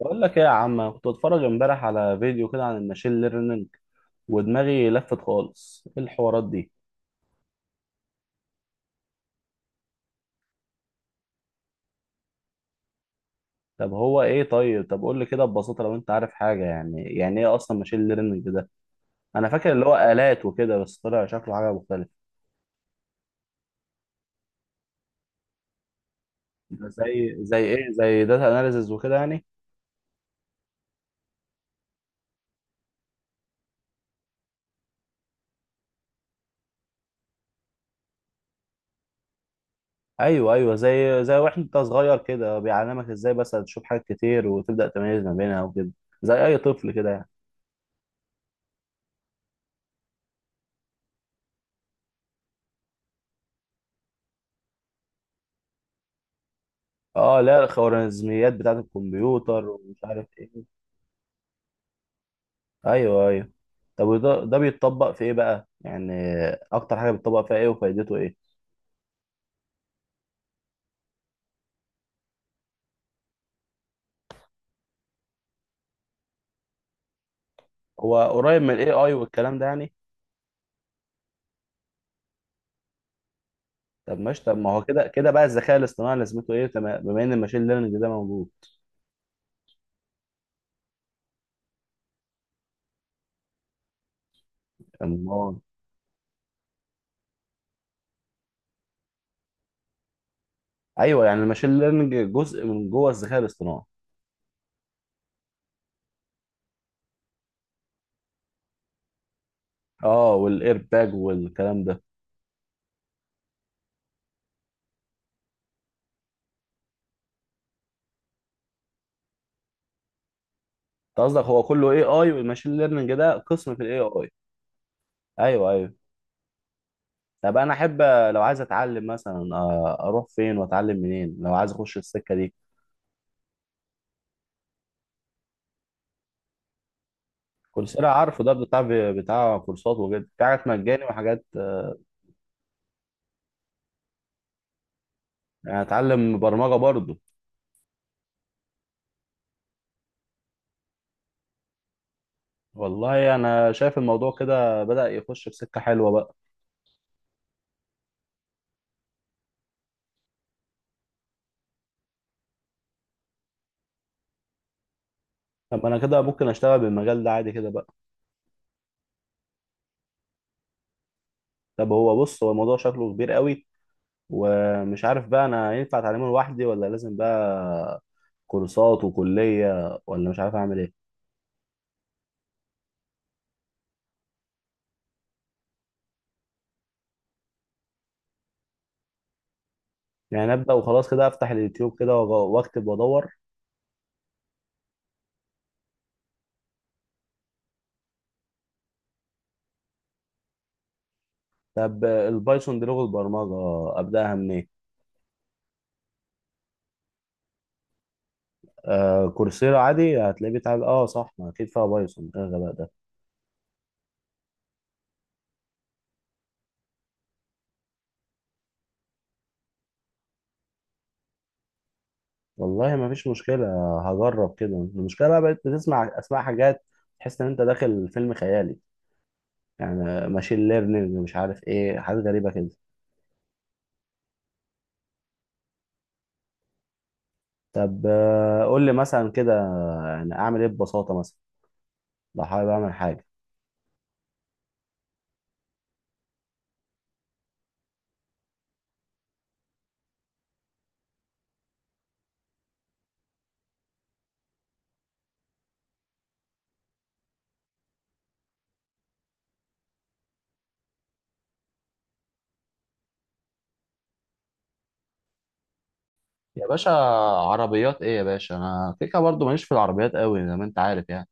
بقول لك ايه يا عم. أنا كنت بتفرج امبارح على فيديو كده عن الماشين ليرنينج ودماغي لفت خالص ايه الحوارات دي. طب هو ايه طب قول لي كده ببساطة لو انت عارف حاجة، يعني ايه اصلا ماشين ليرنينج ده. انا فاكر اللي هو آلات وكده بس طلع شكله حاجة مختلفة. ده زي ايه، زي داتا اناليسز وكده يعني. ايوه ايوه، زي واحد انت صغير كده بيعلمك ازاي بس تشوف حاجات كتير وتبدأ تميز ما بينها وكده. زي اي طفل كده يعني. اه لا، الخوارزميات بتاعت الكمبيوتر ومش عارف ايه. ايوه ايوه. طب وده بيتطبق في ايه بقى يعني، اكتر حاجه بيتطبق فيها ايه وفايدته ايه؟ هو قريب من الاي اي والكلام ده يعني. طب ماشي، طب ما هو كده كده بقى الذكاء الاصطناعي لازمته ايه بما ان الماشين ليرنينج ده موجود. أمال. ايوه يعني الماشين ليرنينج جزء من جوه الذكاء الاصطناعي. اه والاير باج والكلام ده. انت قصدك هو كله اي اي والماشين ليرنينج ده قسم في الاي اي؟ ايوه ايوه. طب انا احب لو عايز اتعلم مثلا، اروح فين واتعلم منين لو عايز اخش السكه دي؟ كورسيرا عارفه، ده بتاع كورسات وكده، في حاجات مجاني وحاجات يعني اتعلم برمجة برضه؟ والله انا شايف الموضوع كده بدأ يخش في سكة حلوة بقى. طب انا كده ممكن اشتغل بالمجال ده عادي كده بقى؟ طب هو بص، هو الموضوع شكله كبير قوي ومش عارف بقى انا ينفع اتعلمه لوحدي ولا لازم بقى كورسات وكلية ولا مش عارف اعمل ايه. يعني ابدأ وخلاص كده، افتح اليوتيوب كده واكتب وادور؟ طب البايثون دي لغة برمجة ابدأها منين؟ كورسيرا عادي هتلاقيه بيتعاد، اه صح، ما اكيد فيها بايثون، ايه الغباء ده. والله ما فيش مشكله. هجرب كده. المشكله بقى بقيت بتسمع اسماء حاجات تحس ان انت داخل فيلم خيالي، يعني ماشين ليرنينج، مش عارف ايه، حاجات غريبه كده. طب قول لي مثلا كده، يعني اعمل ايه ببساطه مثلا لو حابب اعمل حاجه. يا باشا، عربيات ايه يا باشا، انا كيكه برضو ماليش في العربيات قوي زي ما انت عارف يعني.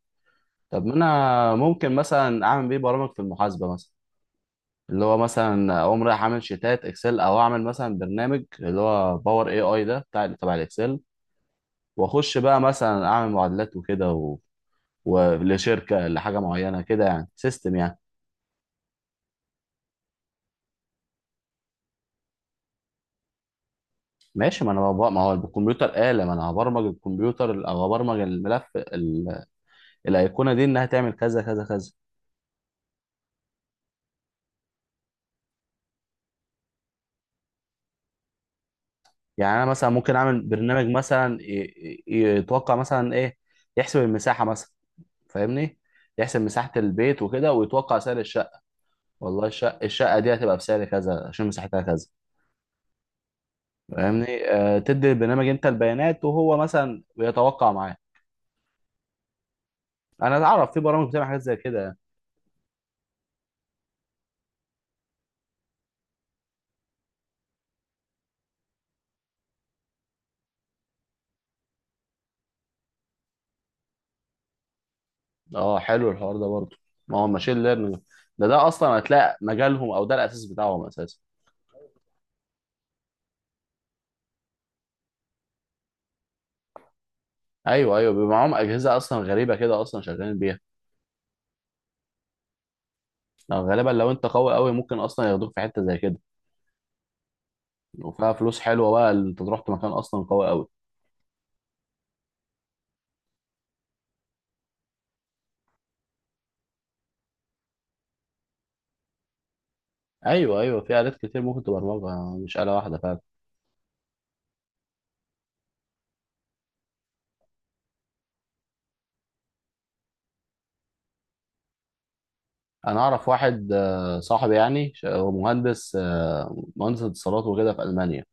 طب ما انا ممكن مثلا اعمل بيه برامج في المحاسبه مثلا، اللي هو مثلا اقوم رايح اعمل شيتات اكسل، او اعمل مثلا برنامج اللي هو باور اي اي ده بتاع تبع الاكسل. واخش بقى مثلا اعمل معادلات وكده ولشركه لحاجه معينه كده يعني، سيستم يعني. ماشي، ما انا ببقى، ما هو الكمبيوتر آلة، ما انا هبرمج الكمبيوتر او هبرمج الملف الايقونه دي انها تعمل كذا كذا كذا. يعني انا مثلا ممكن اعمل برنامج مثلا يتوقع مثلا ايه، يحسب المساحه مثلا، فاهمني، يحسب مساحه البيت وكده ويتوقع سعر الشقه. والله الشقة دي هتبقى بسعر كذا عشان مساحتها كذا، فاهمني؟ تدي البرنامج انت البيانات وهو مثلا بيتوقع معاه. انا اعرف في برامج بتعمل حاجات زي كده يعني. اه حلو الحوار ده برضه، ما هو ماشين ليرنينج ده اصلا هتلاقي مجالهم او ده الاساس بتاعهم اساسا. ايوه ايوه، بيبقى معاهم اجهزه اصلا غريبه كده، اصلا شغالين بيها. لو غالبا لو انت قوي قوي ممكن اصلا ياخدوك في حته زي كده. وفيها فلوس حلوه بقى، اللي انت تروح في مكان اصلا قوي قوي. ايوه ايوه، في الات كتير ممكن تبرمجها مش آلة واحده فعلا. انا اعرف واحد صاحبي يعني، هو مهندس مهندس اتصالات وكده في المانيا.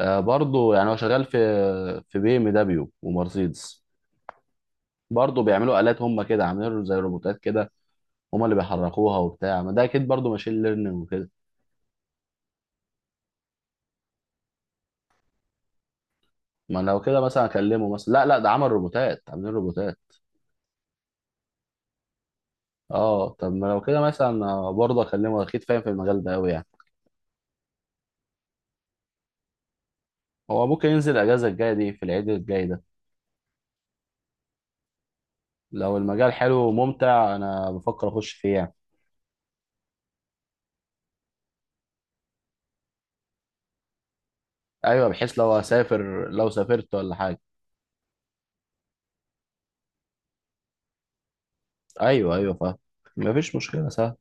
برضه يعني هو شغال في بي ام دبليو ومرسيدس. برضه بيعملوا آلات، هم كده عاملين له زي روبوتات كده، هم اللي بيحركوها وبتاع، ما ده اكيد برضه ماشين ليرنينج وكده. ما لو كده مثلا اكلمه، مثلا لا لا، ده عمل روبوتات، عاملين روبوتات. اه طب ما لو كده مثلا برضه اكلمه اكيد، فاهم في المجال ده قوي يعني. هو ممكن ينزل الاجازه الجايه دي في العيد الجاي ده. لو المجال حلو وممتع انا بفكر اخش فيه يعني. ايوه، بحيث لو سافرت ولا حاجه. ايوه ايوه فاهم. مفيش مشكله، سهل.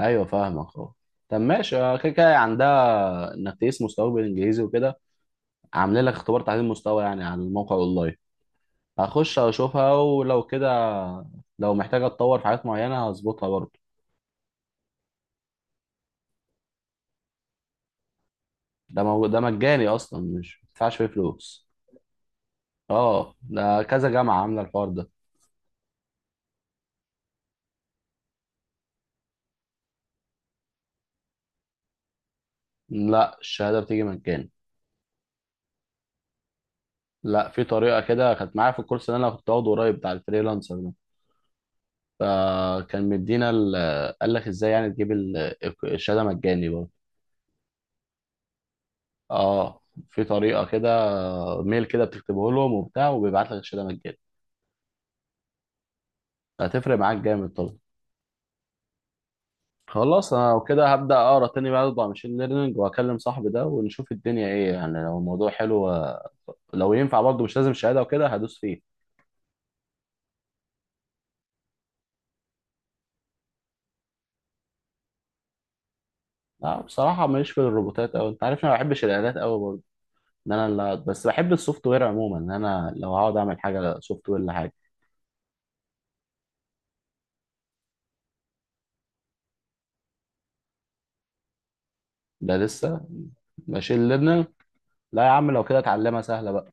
ايوه فاهمك اهو. طب ماشي، كده كده عندها انك تقيس مستواك بالانجليزي وكده، عامله لك اختبار تعديل مستوى يعني على الموقع اونلاين. هخش اشوفها، ولو كده لو محتاجه اتطور في حاجات معينه هظبطها برضه. ده مجاني اصلا، مش بتدفعش فيه فلوس. اه ده كذا جامعه عامله الحوار ده. لا الشهاده بتيجي مجاني. لا، في طريقه كده كانت معايا في الكورس اللي انا كنت واخده قريب بتاع الفريلانسر، فكان مدينا قال لك ازاي يعني تجيب الشهاده مجاني برضه. اه في طريقه كده، ميل كده بتكتبه لهم وبتاع وبيبعت لك الشهاده مجاني. هتفرق معاك جامد طبعا. خلاص انا وكده هبدا اقرا تاني بقى على ماشين ليرنينج، واكلم صاحبي ده ونشوف الدنيا ايه يعني، لو الموضوع حلو لو ينفع برضه مش لازم شهاده وكده، هدوس فيه. لا بصراحه ماليش في الروبوتات قوي، انت عارف انا ما بحبش الالات قوي برضه، ان انا بس بحب السوفت وير عموما، ان انا لو هقعد اعمل حاجه سوفت وير. ده لسه، ماشي لبنان. لا يا عم، لو كده اتعلمها، سهله بقى.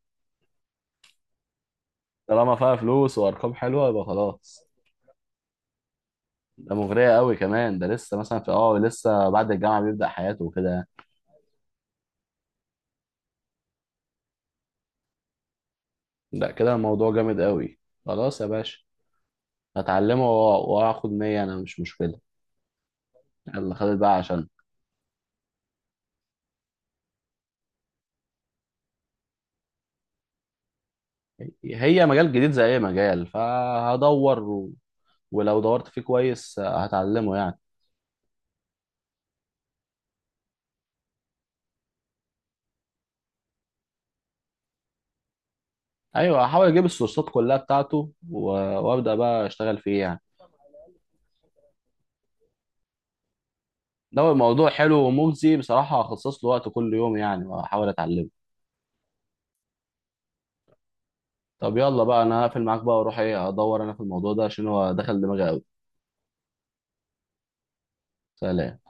طالما فيها فلوس وارقام حلوه يبقى خلاص. ده مغريه قوي كمان، ده لسه مثلا في لسه بعد الجامعه بيبدا حياته وكده. لا كده الموضوع جامد قوي. خلاص يا باشا، هتعلمه واخد 100، انا مش مشكله. يلا خدت بقى عشان هي مجال جديد زي اي مجال، فهدور ولو دورت فيه كويس هتعلمه يعني. ايوه هحاول اجيب السورسات كلها بتاعته وابدا بقى اشتغل فيه يعني. لو الموضوع حلو ومجزي بصراحة هخصص له وقت كل يوم يعني، وأحاول أتعلمه. طب يلا بقى، أنا هقفل معاك بقى وأروح إيه، أدور أنا في الموضوع ده عشان هو دخل دماغي أوي. سلام.